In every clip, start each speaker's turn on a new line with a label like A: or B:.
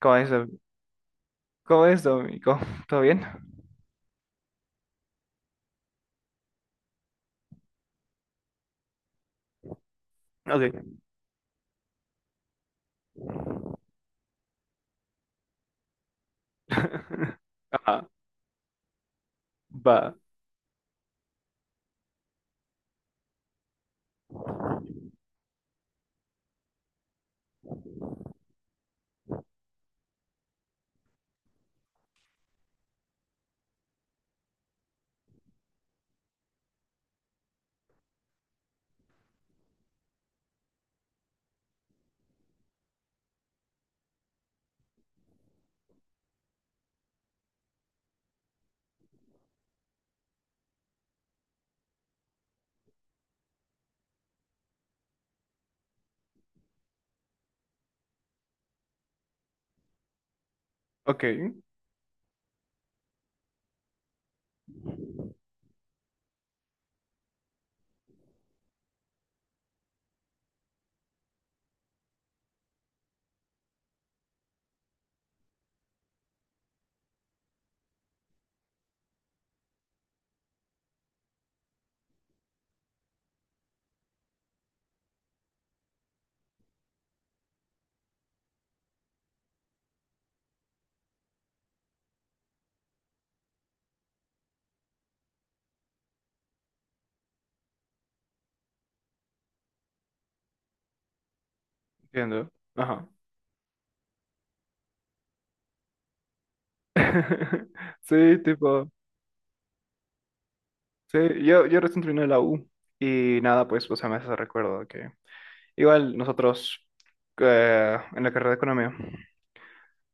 A: ¿Cómo es, Domi? ¿Cómo es, Domi? Cómo ¿Todo bien? Ok. Ajá, va. Ok, entiendo. Ajá. Sí, tipo, sí, yo recién terminé la U y nada, pues, o sea, me hace ese recuerdo que igual nosotros en la carrera de economía,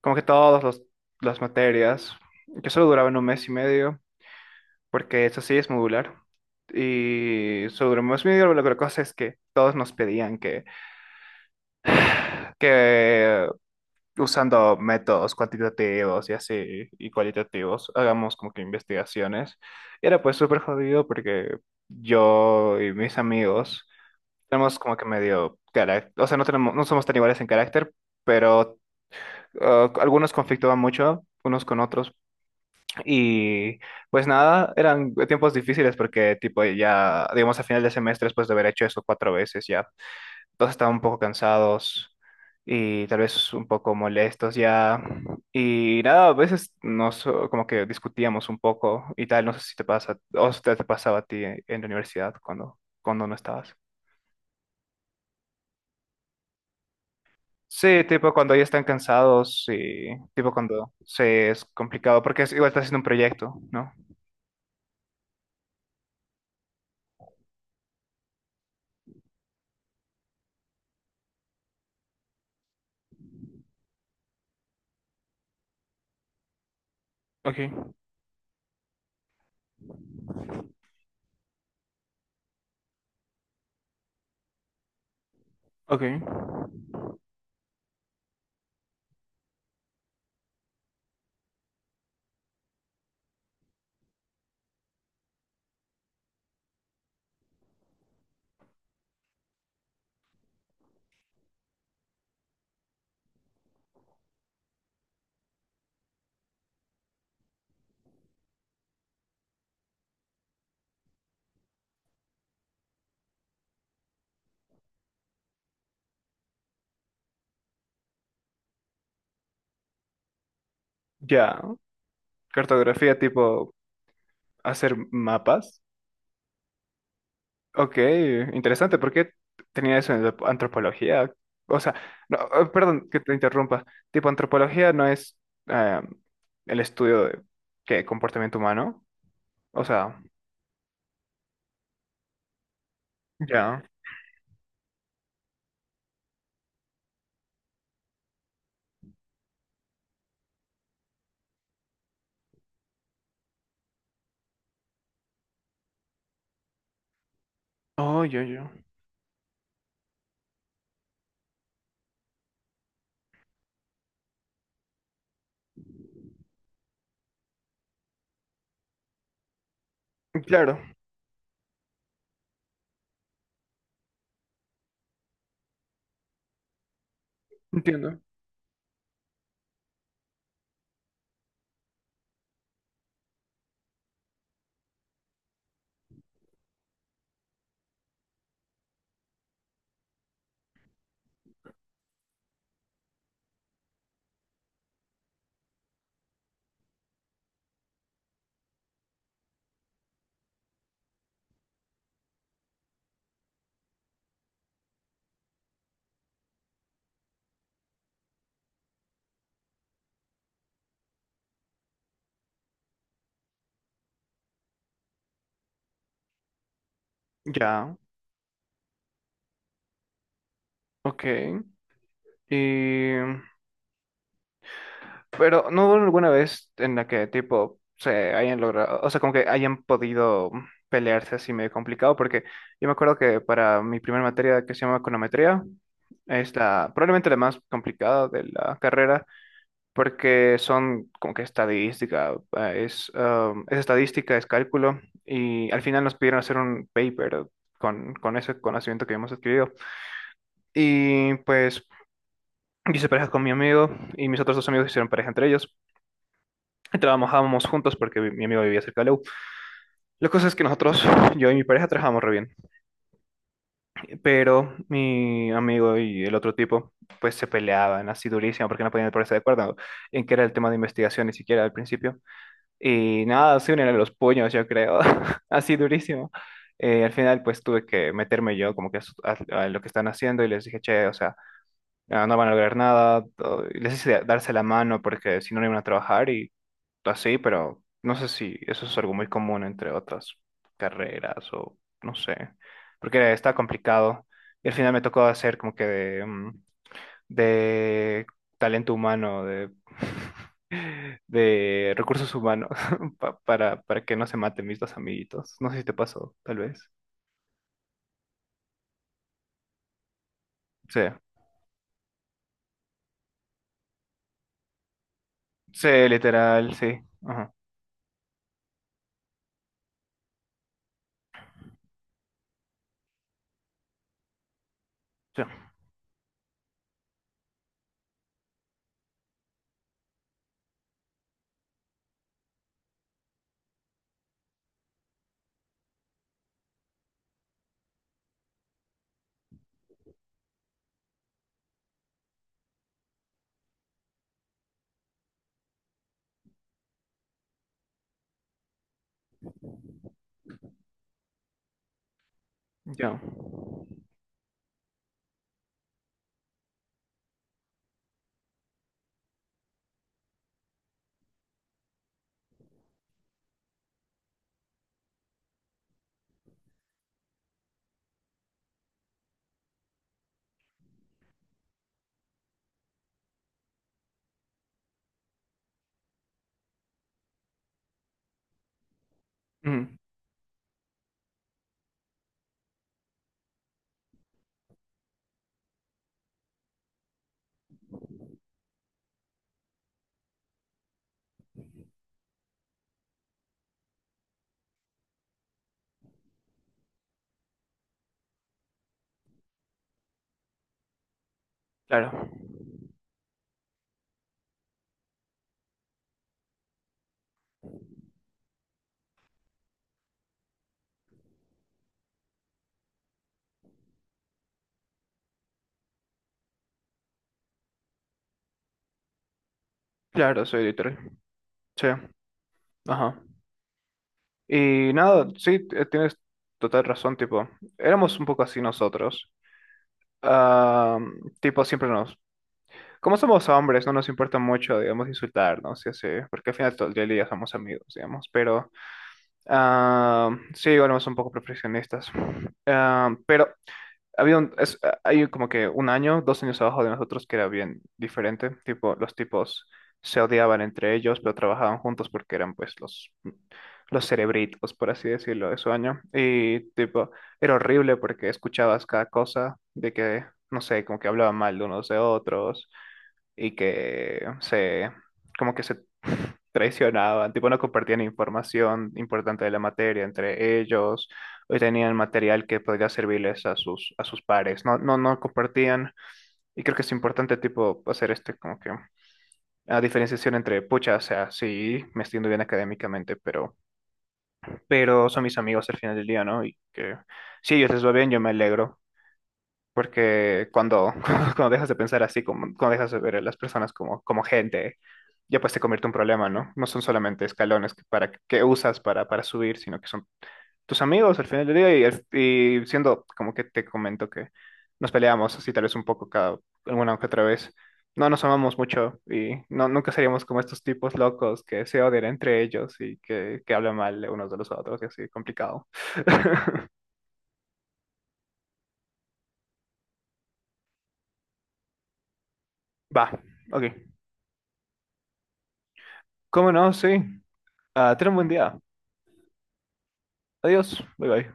A: como que las materias, que solo duraban un mes y medio, porque eso sí es modular, y sobre un mes y medio, pero la otra cosa es que todos nos pedían que usando métodos cuantitativos y así, y cualitativos, hagamos como que investigaciones. Era pues súper jodido porque yo y mis amigos tenemos como que medio carácter, o sea, no tenemos, no somos tan iguales en carácter, pero algunos conflictuaban mucho unos con otros y pues nada, eran tiempos difíciles porque tipo ya, digamos, a final de semestre después de haber hecho eso cuatro veces ya todos estaban un poco cansados y tal vez un poco molestos ya. Y nada, a veces nos como que discutíamos un poco y tal, no sé si te pasa, o si te pasaba a ti en la universidad cuando no estabas. Sí, tipo cuando ya están cansados y tipo cuando se es complicado, porque es, igual estás haciendo un proyecto, ¿no? Ok, ok. Ya, cartografía tipo hacer mapas. Ok, interesante. ¿Por qué tenía eso en la antropología? O sea, no, perdón que te interrumpa. Tipo, antropología no es eh, el estudio de ¿qué? Comportamiento humano. O sea, ya. Oh, yo. Claro, entiendo. Ya, ok. Y pero no hubo alguna vez en la que tipo se hayan logrado, o sea, como que hayan podido pelearse así medio complicado, porque yo me acuerdo que para mi primera materia que se llama econometría, es la, probablemente la más complicada de la carrera, porque son como que estadística, es estadística, es cálculo, y al final nos pidieron hacer un paper con ese conocimiento que hemos adquirido. Y pues yo hice pareja con mi amigo y mis otros dos amigos hicieron pareja entre ellos. Trabajábamos juntos porque mi amigo vivía cerca de la U. La cosa es que nosotros, yo y mi pareja, trabajábamos re bien. Pero mi amigo y el otro tipo, pues se peleaban así durísimo porque no podían ponerse de acuerdo en qué era el tema de investigación ni siquiera al principio. Y nada, se unían a los puños, yo creo, así durísimo. Al final, pues tuve que meterme yo como que a lo que están haciendo y les dije, che, o sea, ah, no van a lograr nada, y les dice darse la mano porque si no, no iban a trabajar y así, pero no sé si eso es algo muy común entre otras carreras o no sé, porque está complicado. Y al final me tocó hacer como que de talento humano, de, de recursos humanos, para que no se maten mis dos amiguitos. No sé si te pasó, tal vez. Sí, sí, literal, sí. Ajá, sí, ya. Ujú. Claro, claro, soy editor. Sí, ajá. Y nada, sí, tienes total razón, tipo, éramos un poco así nosotros. Ah, tipo, siempre nos... Como somos hombres, no nos importa mucho, digamos, insultarnos y así, porque al final todo el día, del somos amigos, digamos, pero ah, sí, igual somos un poco perfeccionistas. Ah, pero Había un, es, hay como que un año, dos años abajo de nosotros que era bien diferente. Tipo, los tipos se odiaban entre ellos, pero trabajaban juntos porque eran pues los cerebritos, por así decirlo, de su año. Y tipo, era horrible porque escuchabas cada cosa de que, no sé, como que hablaban mal de unos de otros y que se, como que se traicionaban, tipo no compartían información importante de la materia entre ellos, o tenían material que podría servirles a a sus pares, no compartían, y creo que es importante tipo hacer este como que la diferenciación entre, pucha, o sea, sí, me estoy yendo bien académicamente, pero son mis amigos al final del día, ¿no? Y que si a ellos les va bien, yo me alegro, porque cuando, cuando dejas de pensar así, como, cuando dejas de ver a las personas como gente, ya pues te convierte en un problema, ¿no? No son solamente escalones que usas para subir, sino que son tus amigos al final del día. Y siendo como que te comento que nos peleamos así tal vez un poco cada alguna que otra vez. No nos amamos mucho y no, nunca seríamos como estos tipos locos que se odian entre ellos y que hablan mal de unos de los otros y así, complicado. Va, ok. ¿Cómo no? Sí. Ah, ten un buen día. Adiós, bye bye.